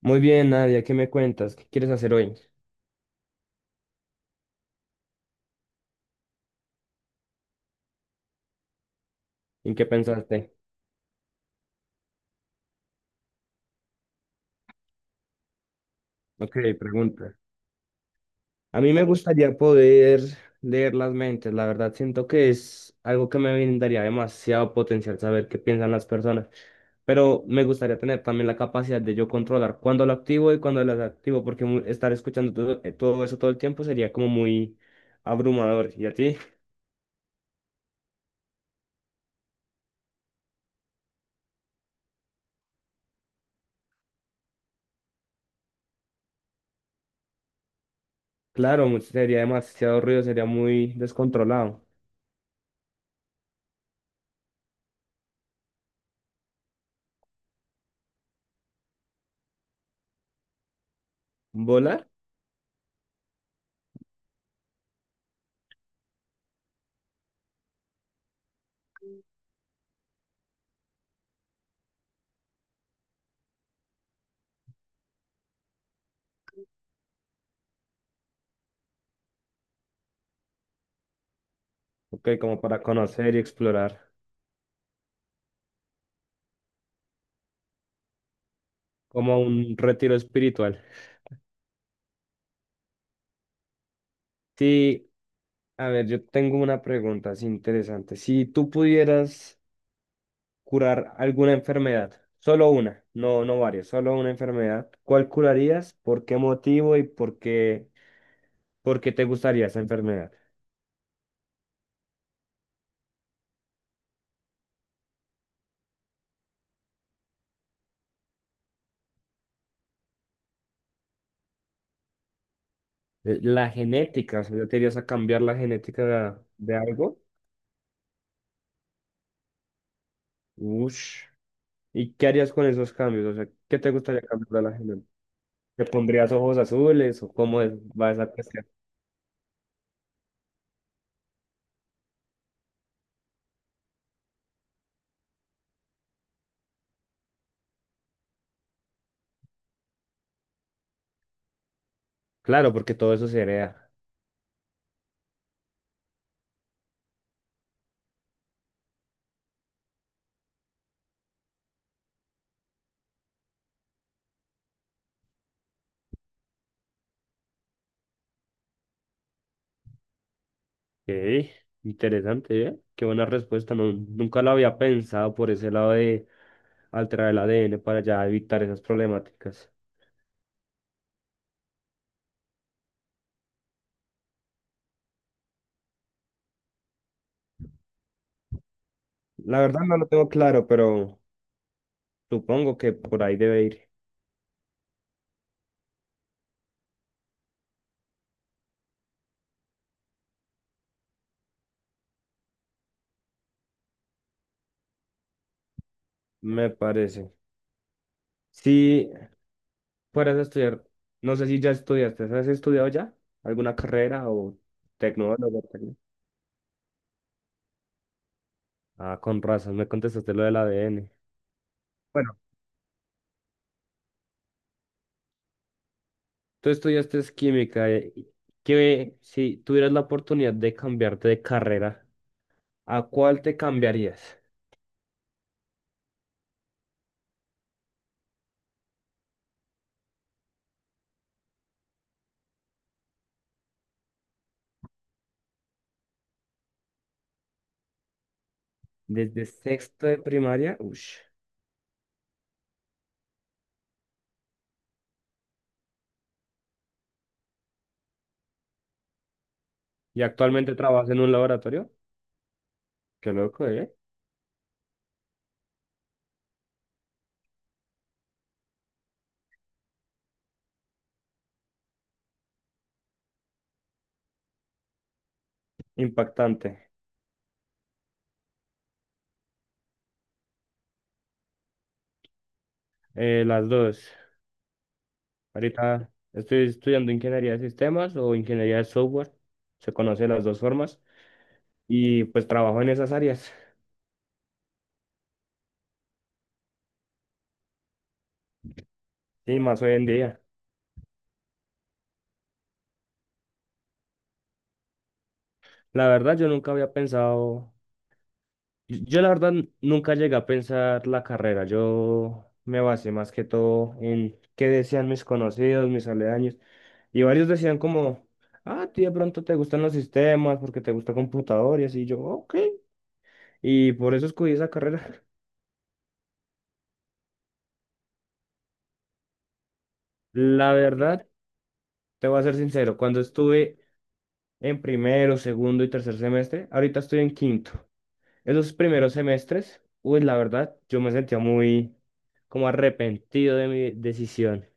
Muy bien, Nadia, ¿qué me cuentas? ¿Qué quieres hacer hoy? ¿En qué pensaste? Ok, pregunta. A mí me gustaría poder leer las mentes. La verdad, siento que es algo que me brindaría demasiado potencial saber qué piensan las personas. Pero me gustaría tener también la capacidad de yo controlar cuándo lo activo y cuándo lo desactivo, porque estar escuchando todo, todo eso todo el tiempo sería como muy abrumador. ¿Y a ti? Claro, sería demasiado ruido, sería muy descontrolado. ¿Volar? Ok, como para conocer y explorar. Como un retiro espiritual. Sí, a ver, yo tengo una pregunta así interesante. Si tú pudieras curar alguna enfermedad, solo una, no varias, solo una enfermedad, ¿cuál curarías? ¿Por qué motivo y por qué te gustaría esa enfermedad? La genética, o sea, ¿yo te irías a cambiar la genética de algo? Ush. ¿Y qué harías con esos cambios? O sea, ¿qué te gustaría cambiar de la genética? ¿Te pondrías ojos azules o va esa cuestión? Claro, porque todo eso se hereda. Ok, interesante, ¿eh? Qué buena respuesta. No, nunca la había pensado por ese lado de alterar el ADN para ya evitar esas problemáticas. La verdad no lo tengo claro, pero supongo que por ahí debe ir, me parece. Si fueras a estudiar, no sé si ya estudiaste, ¿has estudiado ya alguna carrera o tecnólogo? Ah, con razón, me contestaste lo del ADN. Bueno, tú estudiaste es química, que si tuvieras la oportunidad de cambiarte de carrera. ¿A cuál te cambiarías? Desde sexto de primaria, ush, y actualmente trabajas en un laboratorio. Qué loco, ¿eh? Impactante. Las dos. Ahorita estoy estudiando ingeniería de sistemas o ingeniería de software. Se conoce las dos formas. Y pues trabajo en esas áreas. Y más hoy en día. La verdad, yo nunca había pensado. Yo la verdad nunca llegué a pensar la carrera, yo me basé más que todo en qué decían mis conocidos, mis aledaños, y varios decían como, ah, tío, de pronto te gustan los sistemas porque te gusta computador y así, yo, ok, y por eso escogí esa carrera. La verdad, te voy a ser sincero, cuando estuve en primero, segundo y tercer semestre, ahorita estoy en quinto. Esos primeros semestres, uy, la verdad, yo me sentía muy como arrepentido de mi decisión.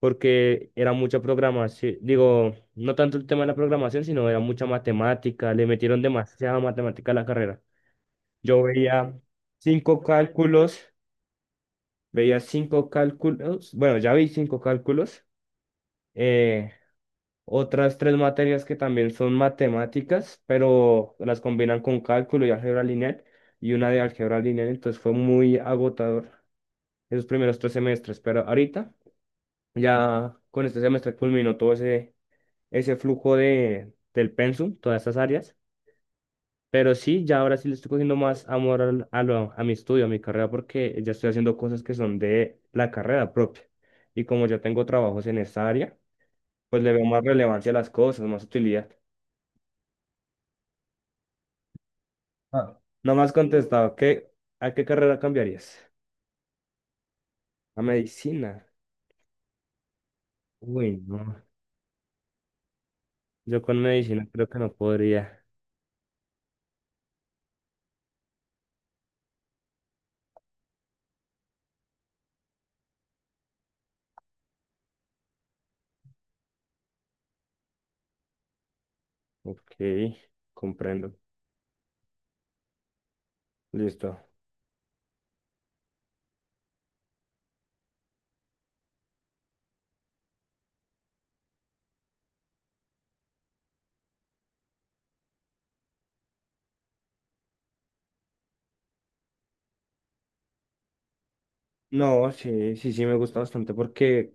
Porque era mucha programación, digo, no tanto el tema de la programación, sino era mucha matemática, le metieron demasiada matemática a la carrera. Yo cinco cálculos, veía cinco cálculos, bueno, ya vi cinco cálculos, eh, otras tres materias que también son matemáticas, pero las combinan con cálculo y álgebra lineal, y una de álgebra lineal, entonces fue muy agotador esos primeros tres semestres, pero ahorita ya con este semestre culminó todo ese ese flujo del pensum, todas estas áreas. Pero sí, ya ahora sí le estoy cogiendo más amor a, a mi estudio, a mi carrera, porque ya estoy haciendo cosas que son de la carrera propia. Y como yo tengo trabajos en esta área, pues le veo más relevancia a las cosas, más utilidad. Ah, no me has contestado, ¿qué, a qué carrera cambiarías? ¿A medicina? Uy, no. Yo con medicina creo que no podría. Ok, comprendo. Listo. No, sí, sí, sí, me gusta bastante porque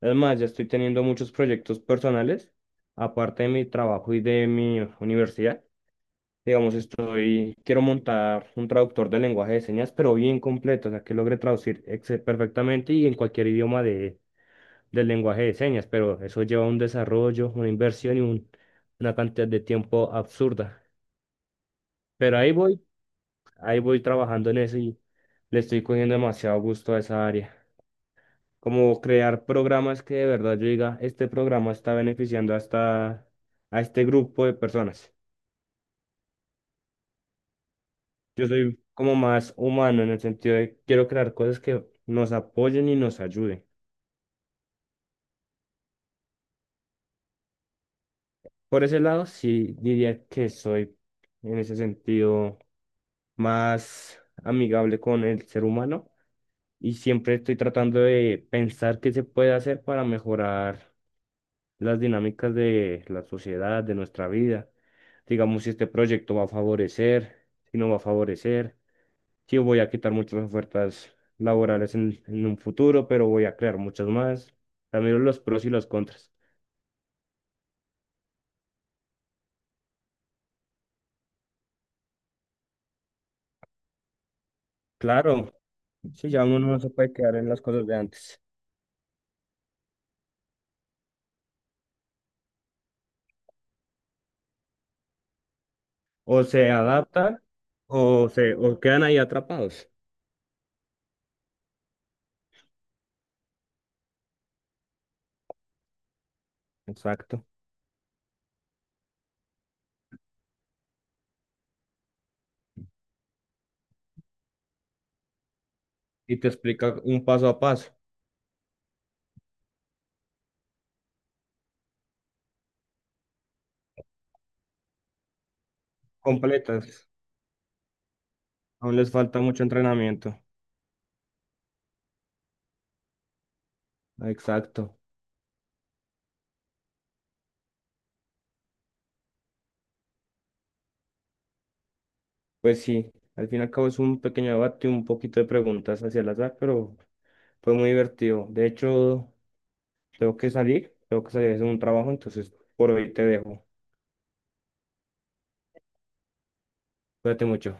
además, ya estoy teniendo muchos proyectos personales, aparte de mi trabajo y de mi universidad. Digamos, estoy, quiero montar un traductor de lenguaje de señas, pero bien completo, o sea, que logre traducir perfectamente y en cualquier idioma de, del lenguaje de señas, pero eso lleva un desarrollo, una inversión y una cantidad de tiempo absurda. Pero ahí voy trabajando en eso y le estoy cogiendo demasiado gusto a esa área. Como crear programas que de verdad yo diga, este programa está beneficiando hasta a este grupo de personas. Yo soy como más humano en el sentido de quiero crear cosas que nos apoyen y nos ayuden. Por ese lado, sí diría que soy en ese sentido más amigable con el ser humano y siempre estoy tratando de pensar qué se puede hacer para mejorar las dinámicas de la sociedad, de nuestra vida. Digamos, si este proyecto va a favorecer, si no va a favorecer, si voy a quitar muchas ofertas laborales en un futuro, pero voy a crear muchas más. También los pros y los contras. Claro, si ya uno no se puede quedar en las cosas de antes. O se adaptan o se o quedan ahí atrapados. Exacto. Y te explica un paso a paso, completas. Aún les falta mucho entrenamiento. Exacto. Pues sí, al fin y al cabo es un pequeño debate, un poquito de preguntas hacia el azar, pero fue muy divertido. De hecho, tengo que salir a hacer un trabajo, entonces por hoy te dejo. Cuídate mucho.